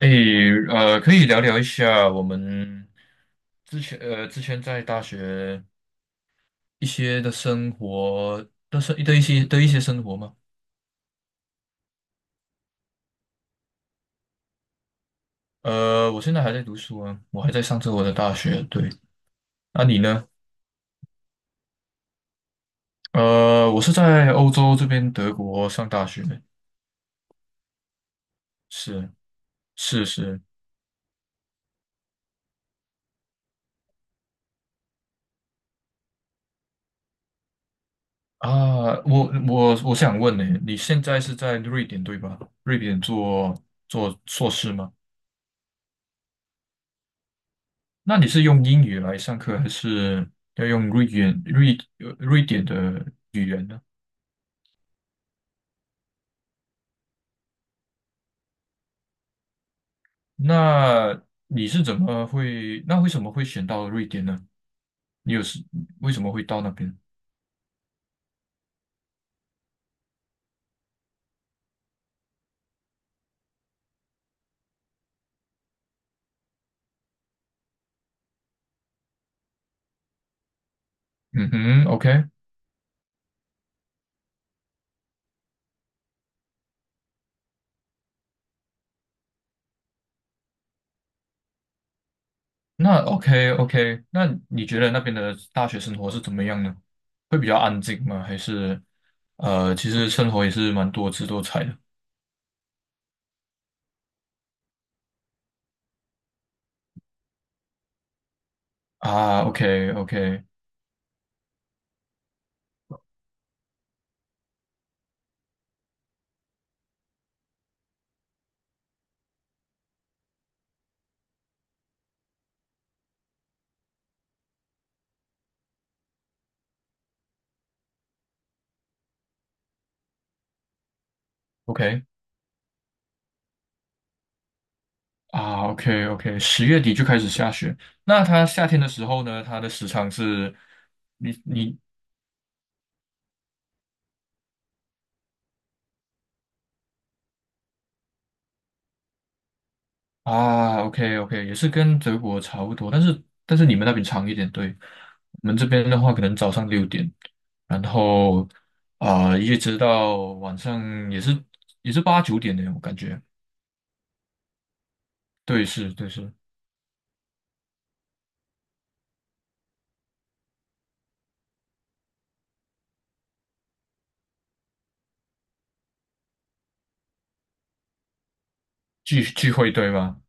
诶，可以聊聊一下我们之前在大学一些的生活的生的一些的一些生活吗？我现在还在读书啊，我还在上着我的大学。对，那你呢？我是在欧洲这边德国上大学的，是是是啊，我想问呢，你现在是在瑞典对吧？瑞典做硕士吗？那你是用英语来上课，还是要用瑞典的语言呢？那那为什么会选到瑞典呢？你有是为什么会到那边？嗯哼，OK，那 OK OK，那你觉得那边的大学生活是怎么样呢？会比较安静吗？还是其实生活也是蛮多姿多彩的啊？OK OK OK，啊，OK OK，10月底就开始下雪。那它夏天的时候呢，它的时长是，你啊，OK OK，也是跟德国差不多，但是你们那边长一点，对。我们这边的话，可能早上6点，然后一直到晚上也是8、9点的，我感觉。对，是，聚会，对吗？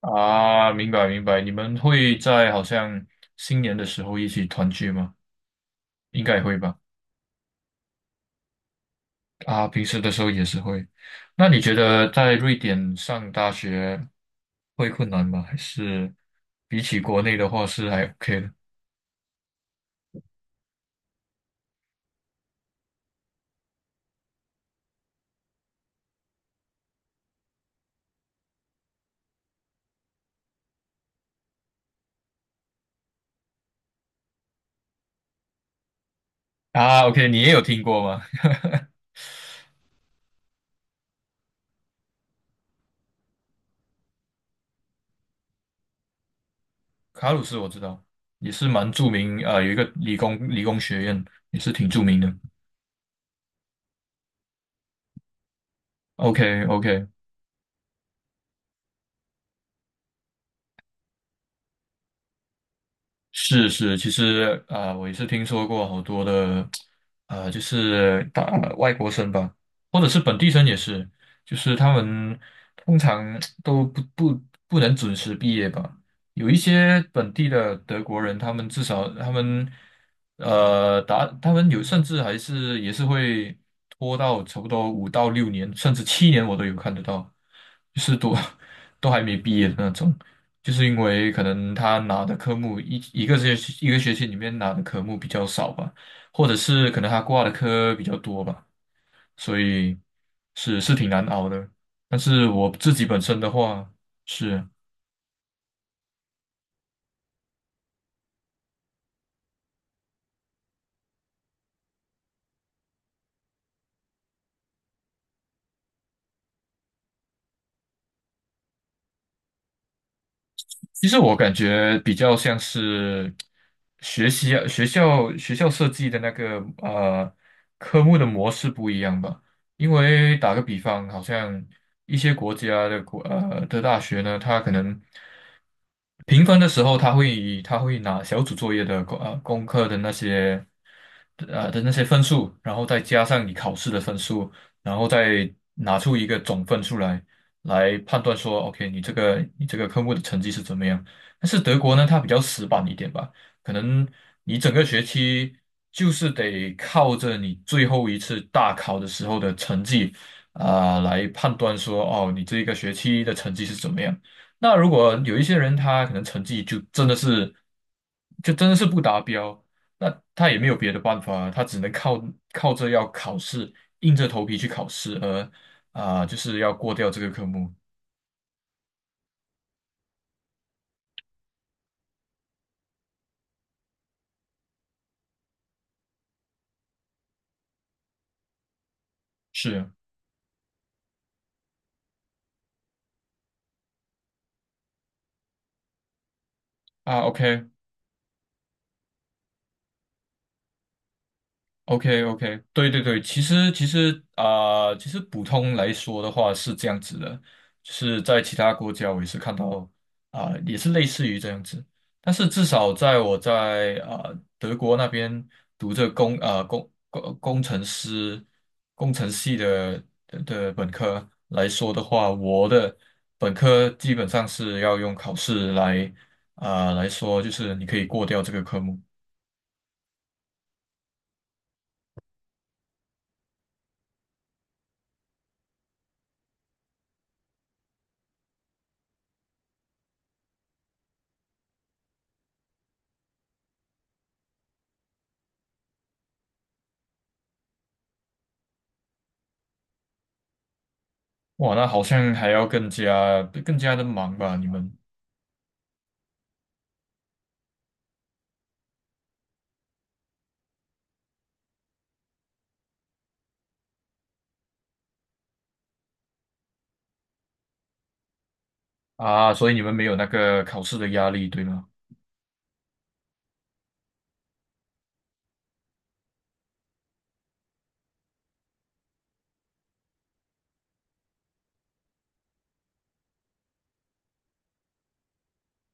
啊，明白明白，你们会在好像新年的时候一起团聚吗？应该会吧。啊，平时的时候也是会。那你觉得在瑞典上大学会困难吗？还是比起国内的话是还 OK 的？啊，OK，你也有听过吗？卡鲁斯我知道，也是蛮著名，啊，有一个理工学院也是挺著名的。o k o k 是是，其实我也是听说过好多的，就是外国生吧，或者是本地生也是，就是他们通常都不能准时毕业吧。有一些本地的德国人，他们至少他们呃达他们有甚至也是会拖到差不多5到6年，甚至7年我都有看得到，就是都 都还没毕业的那种。就是因为可能他拿的科目一个学期一个学期里面拿的科目比较少吧，或者是可能他挂的科比较多吧，所以是挺难熬的。但是我自己本身的话，是。其实我感觉比较像是学习啊学校设计的那个科目的模式不一样吧。因为打个比方，好像一些国家的的大学呢，它可能评分的时候，他会拿小组作业的功课的那些分数，然后再加上你考试的分数，然后再拿出一个总分出来。来判断说，OK，你这个科目的成绩是怎么样。但是德国呢，它比较死板一点吧，可能你整个学期就是得靠着你最后一次大考的时候的成绩啊，来判断说，哦，你这一个学期的成绩是怎么样。那如果有一些人他可能成绩就真的是，不达标，那他也没有别的办法，他只能靠着要考试，硬着头皮去考试。啊，就是要过掉这个科目。是啊，OK，OK OK，对对对，其实普通来说的话是这样子的，就是在其他国家我也是看到也是类似于这样子，但是至少在我在啊、呃德国那边读这工啊、工工工程师工程系的本科来说的话，我的本科基本上是要用考试来说，就是你可以过掉这个科目。哇，那好像还要更加的忙吧？你们啊，所以你们没有那个考试的压力，对吗？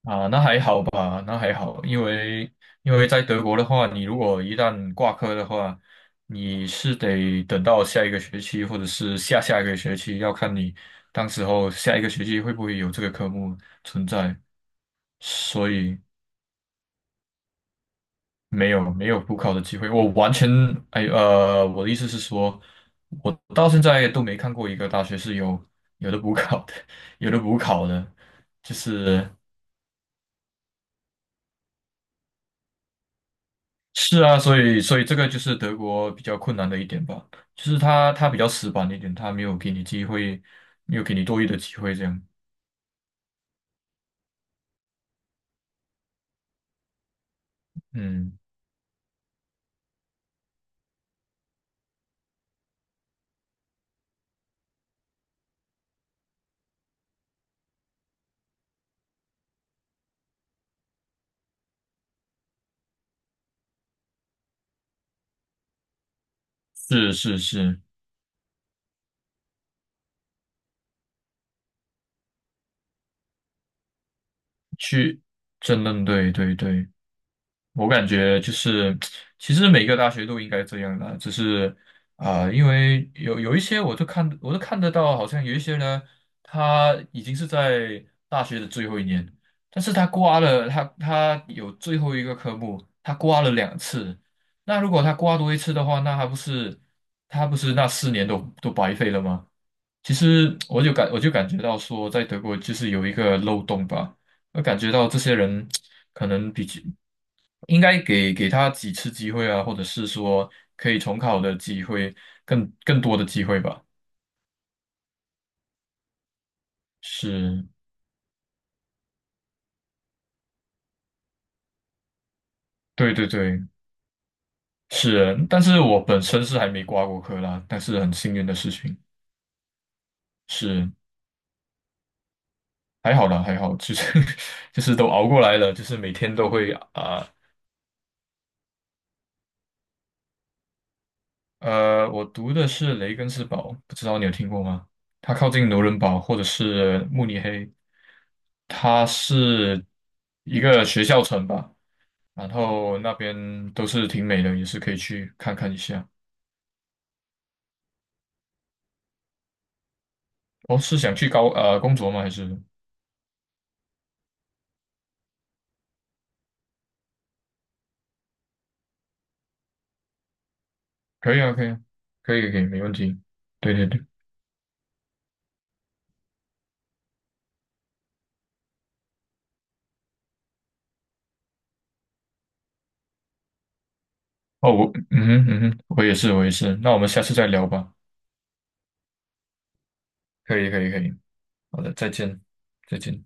啊，那还好吧，那还好，因为在德国的话，你如果一旦挂科的话，你是得等到下一个学期或者是下下一个学期，要看你当时候下一个学期会不会有这个科目存在。所以，没有没有补考的机会，我完全哎呃，我的意思是说，我到现在都没看过一个大学是有的补考的，有的补考的，就是是啊，所以这个就是德国比较困难的一点吧，就是他比较死板一点，他没有给你机会，没有给你多余的机会这样，嗯，是是是，争论，对对对，我感觉就是，其实每个大学都应该这样的，只是因为有一些我都看得到，好像有一些呢，他已经是在大学的最后一年，但是他挂了，他有最后一个科目，他挂了2次，那如果他挂多一次的话，那还不是他不是那4年都白费了吗？其实我就感觉到说，在德国就是有一个漏洞吧。我感觉到这些人可能比较应该给他几次机会啊，或者是说可以重考的机会，更多的机会吧。是，对对对，是。但是我本身是还没挂过科啦，但是很幸运的事情是，还好啦，还好，就是 就是都熬过来了，就是每天都会我读的是雷根斯堡，不知道你有听过吗？它靠近纽伦堡或者是慕尼黑，它是一个学校城吧。然后那边都是挺美的，也是可以去看看一下。哦，是想去工作吗？还是可以啊，可以啊，可以可以，没问题。对对对，哦，我嗯哼嗯哼，我也是我也是。那我们下次再聊吧。可以可以可以，好的，再见再见。